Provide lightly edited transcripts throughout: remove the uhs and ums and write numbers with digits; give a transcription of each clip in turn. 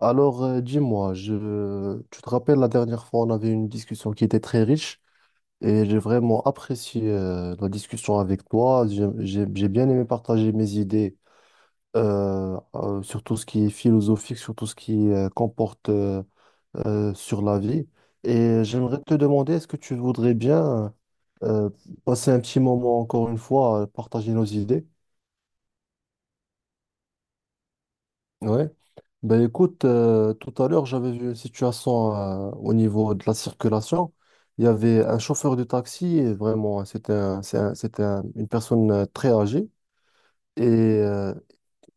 Alors, dis-moi, je... tu te rappelles la dernière fois, on avait une discussion qui était très riche et j'ai vraiment apprécié la discussion avec toi. J'ai bien aimé partager mes idées sur tout ce qui est philosophique, sur tout ce qui comporte sur la vie. Et j'aimerais te demander, est-ce que tu voudrais bien euh, passer un petit moment encore une fois, partager nos idées? Ouais. Ben écoute, tout à l'heure, j'avais vu une situation au niveau de la circulation. Il y avait un chauffeur de taxi, et vraiment, c'était un- c'est un- c'était un- une personne très âgée. Et euh,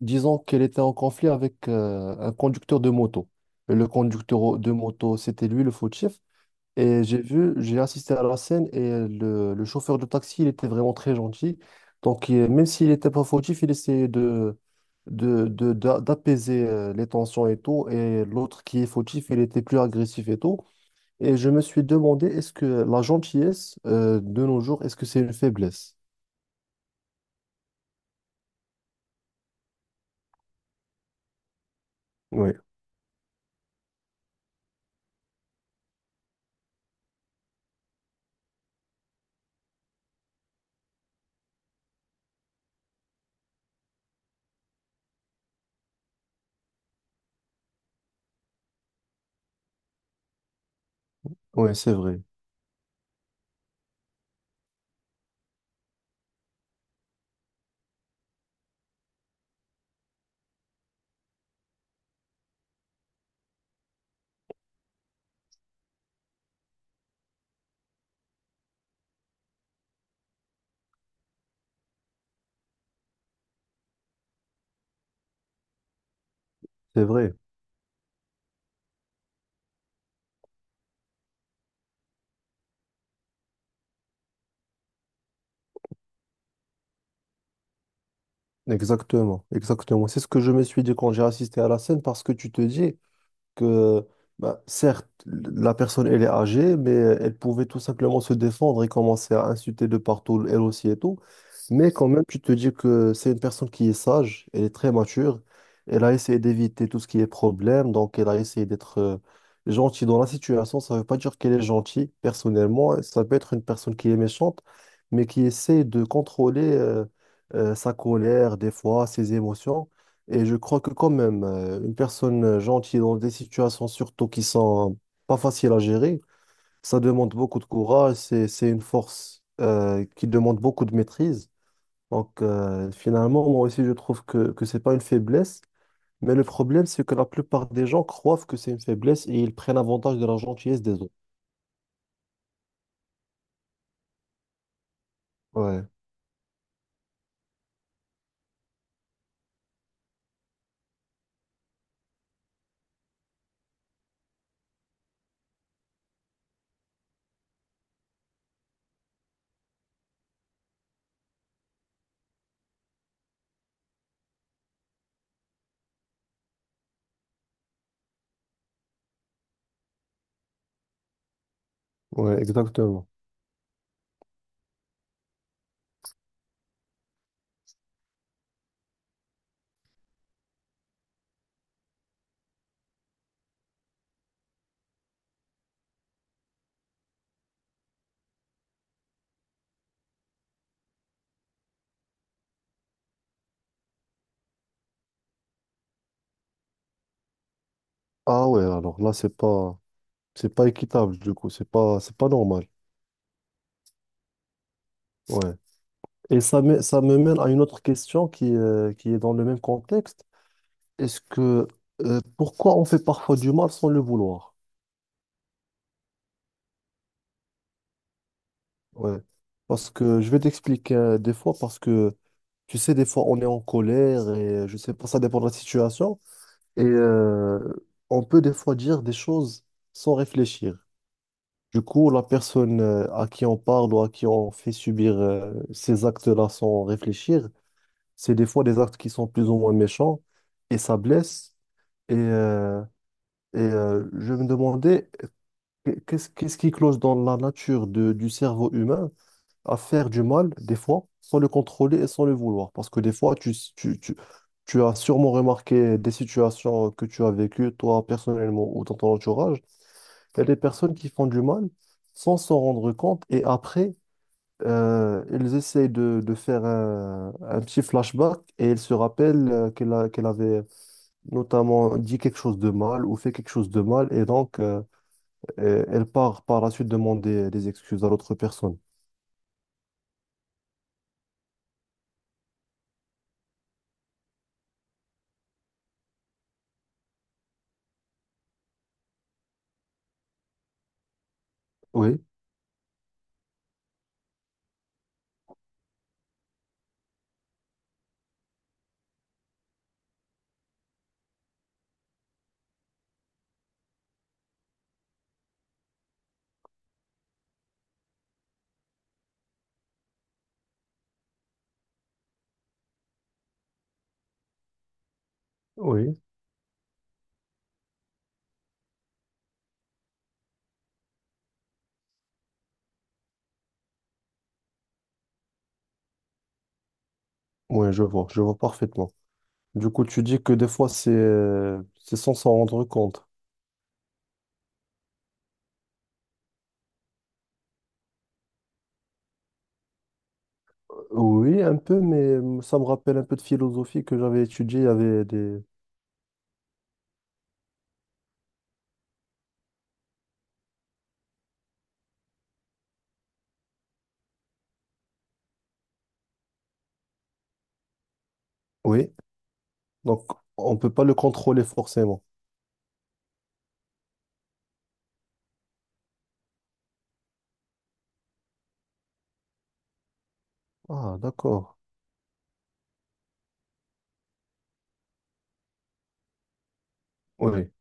disons qu'elle était en conflit avec un conducteur de moto. Et le conducteur de moto, c'était lui le fautif. Et j'ai vu, j'ai assisté à la scène et le chauffeur de taxi, il était vraiment très gentil. Donc, même s'il n'était pas fautif, il essayait d'apaiser les tensions et tout. Et l'autre qui est fautif, il était plus agressif et tout. Et je me suis demandé, est-ce que la gentillesse, de nos jours, est-ce que c'est une faiblesse? Oui, oui, c'est vrai, c'est vrai. Exactement, exactement. C'est ce que je me suis dit quand j'ai assisté à la scène parce que tu te dis. Que bah, certes, la personne, elle est âgée, mais elle pouvait tout simplement se défendre et commencer à insulter de partout, elle aussi et tout. Mais quand même, tu te dis que c'est une personne qui est sage, elle est très mature, elle a essayé d'éviter tout ce qui est problème, donc elle a essayé d'être gentille dans la situation. Ça ne veut pas dire qu'elle est gentille, personnellement, hein. Ça peut être une personne qui est méchante, mais qui essaie de contrôler sa colère, des fois, ses émotions. Et je crois que quand même, une personne gentille dans des situations surtout qui sont pas faciles à gérer, ça demande beaucoup de courage, c'est une force qui demande beaucoup de maîtrise. Donc finalement, moi aussi, je trouve que c'est pas une faiblesse, mais le problème, c'est que la plupart des gens croient que c'est une faiblesse et ils prennent avantage de la gentillesse des autres. Ouais, ouais, exactement. Ah ouais, alors là, c'est pas équitable du coup, c'est pas normal. Ouais. Et ça me mène à une autre question qui est dans le même contexte. Est-ce que pourquoi on fait parfois du mal sans le vouloir? Ouais. Parce que je vais t'expliquer des fois, parce que tu sais, des fois on est en colère et je sais pas, ça dépend de la situation. Et on peut des fois dire des choses sans réfléchir. Du coup, la personne à qui on parle ou à qui on fait subir ces actes-là sans réfléchir, c'est des fois des actes qui sont plus ou moins méchants et ça blesse. Et, euh, je me demandais, qu'est-ce qui cloche dans la nature du cerveau humain à faire du mal, des fois, sans le contrôler et sans le vouloir? Parce que des fois, tu as sûrement remarqué des situations que tu as vécues, toi, personnellement, ou dans ton entourage. Il y a des personnes qui font du mal sans s'en rendre compte et après, ils essayent de faire un petit flashback et ils se rappellent qu'elle avait notamment dit quelque chose de mal ou fait quelque chose de mal, et donc elle part par la suite demander des excuses à l'autre personne. Oui, oui, oui, je vois parfaitement. Du coup, tu dis que des fois, c'est sans s'en rendre compte. Oui, un peu, mais ça me rappelle un peu de philosophie que j'avais étudiée. Il y avait des... Oui, donc on peut pas le contrôler forcément. Ah, d'accord. Oui.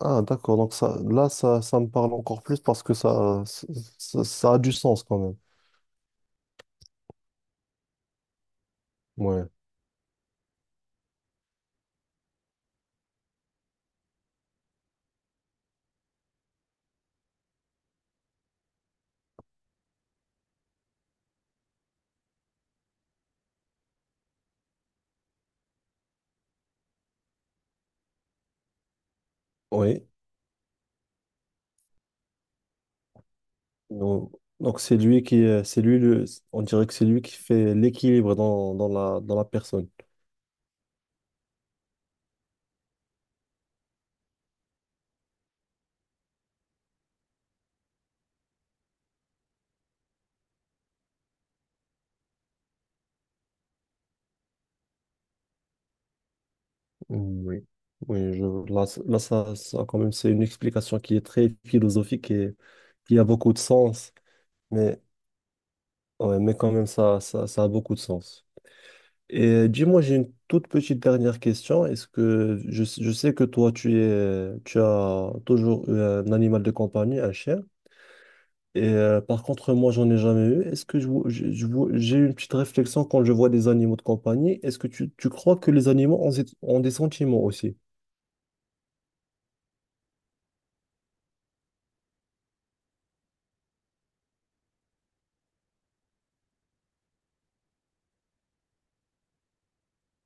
Ah, d'accord. Donc ça, là, ça me parle encore plus parce que ça a du sens quand même. Ouais. Oui. Donc, donc c'est lui qui, on dirait que c'est lui qui fait l'équilibre dans la personne. Oui. Oui, je, là, quand même, c'est une explication qui est très philosophique et qui a beaucoup de sens, mais, ouais, mais quand même, ça a beaucoup de sens. Et dis-moi, j'ai une toute petite dernière question. Je sais que toi, tu as toujours eu un animal de compagnie, un chien. Et par contre, moi, j'en ai jamais eu. Est-ce que je vois- j'ai une petite réflexion quand je vois des animaux de compagnie. Est-ce que tu crois que les animaux ont, ont des sentiments aussi?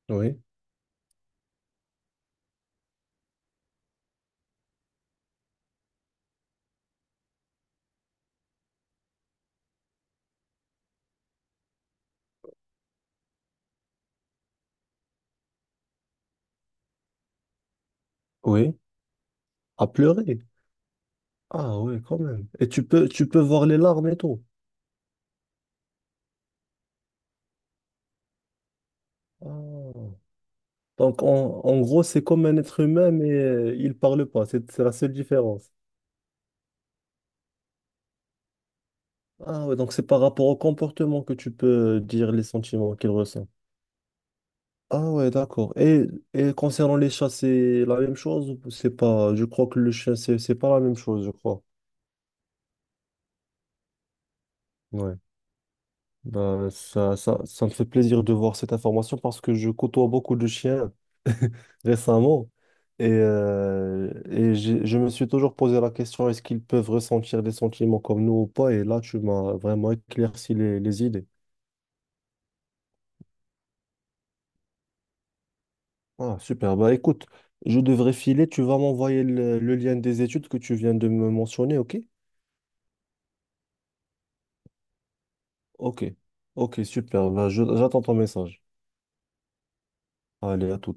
Oui, oui. À pleurer. Ah oui, quand même. Et tu peux voir les larmes et tout. Ah. Donc, en gros, c'est comme un être humain, mais il parle pas. C'est la seule différence. Ah ouais, donc c'est par rapport au comportement que tu peux dire les sentiments qu'il ressent. Ah ouais, d'accord. Et concernant les chats, c'est la même chose ou c'est pas... Je crois que le chien, c'est pas la même chose, je crois. Ouais. Bah, ça me fait plaisir de voir cette information parce que je côtoie beaucoup de chiens récemment je me suis toujours posé la question, est-ce qu'ils peuvent ressentir des sentiments comme nous ou pas? Et là, tu m'as vraiment éclairci les idées. Ah, super. Bah écoute, je devrais filer. Tu vas m'envoyer le lien des études que tu viens de me mentionner, ok? Ok, ok, super. Ben, j'attends ton message. Allez, à tout.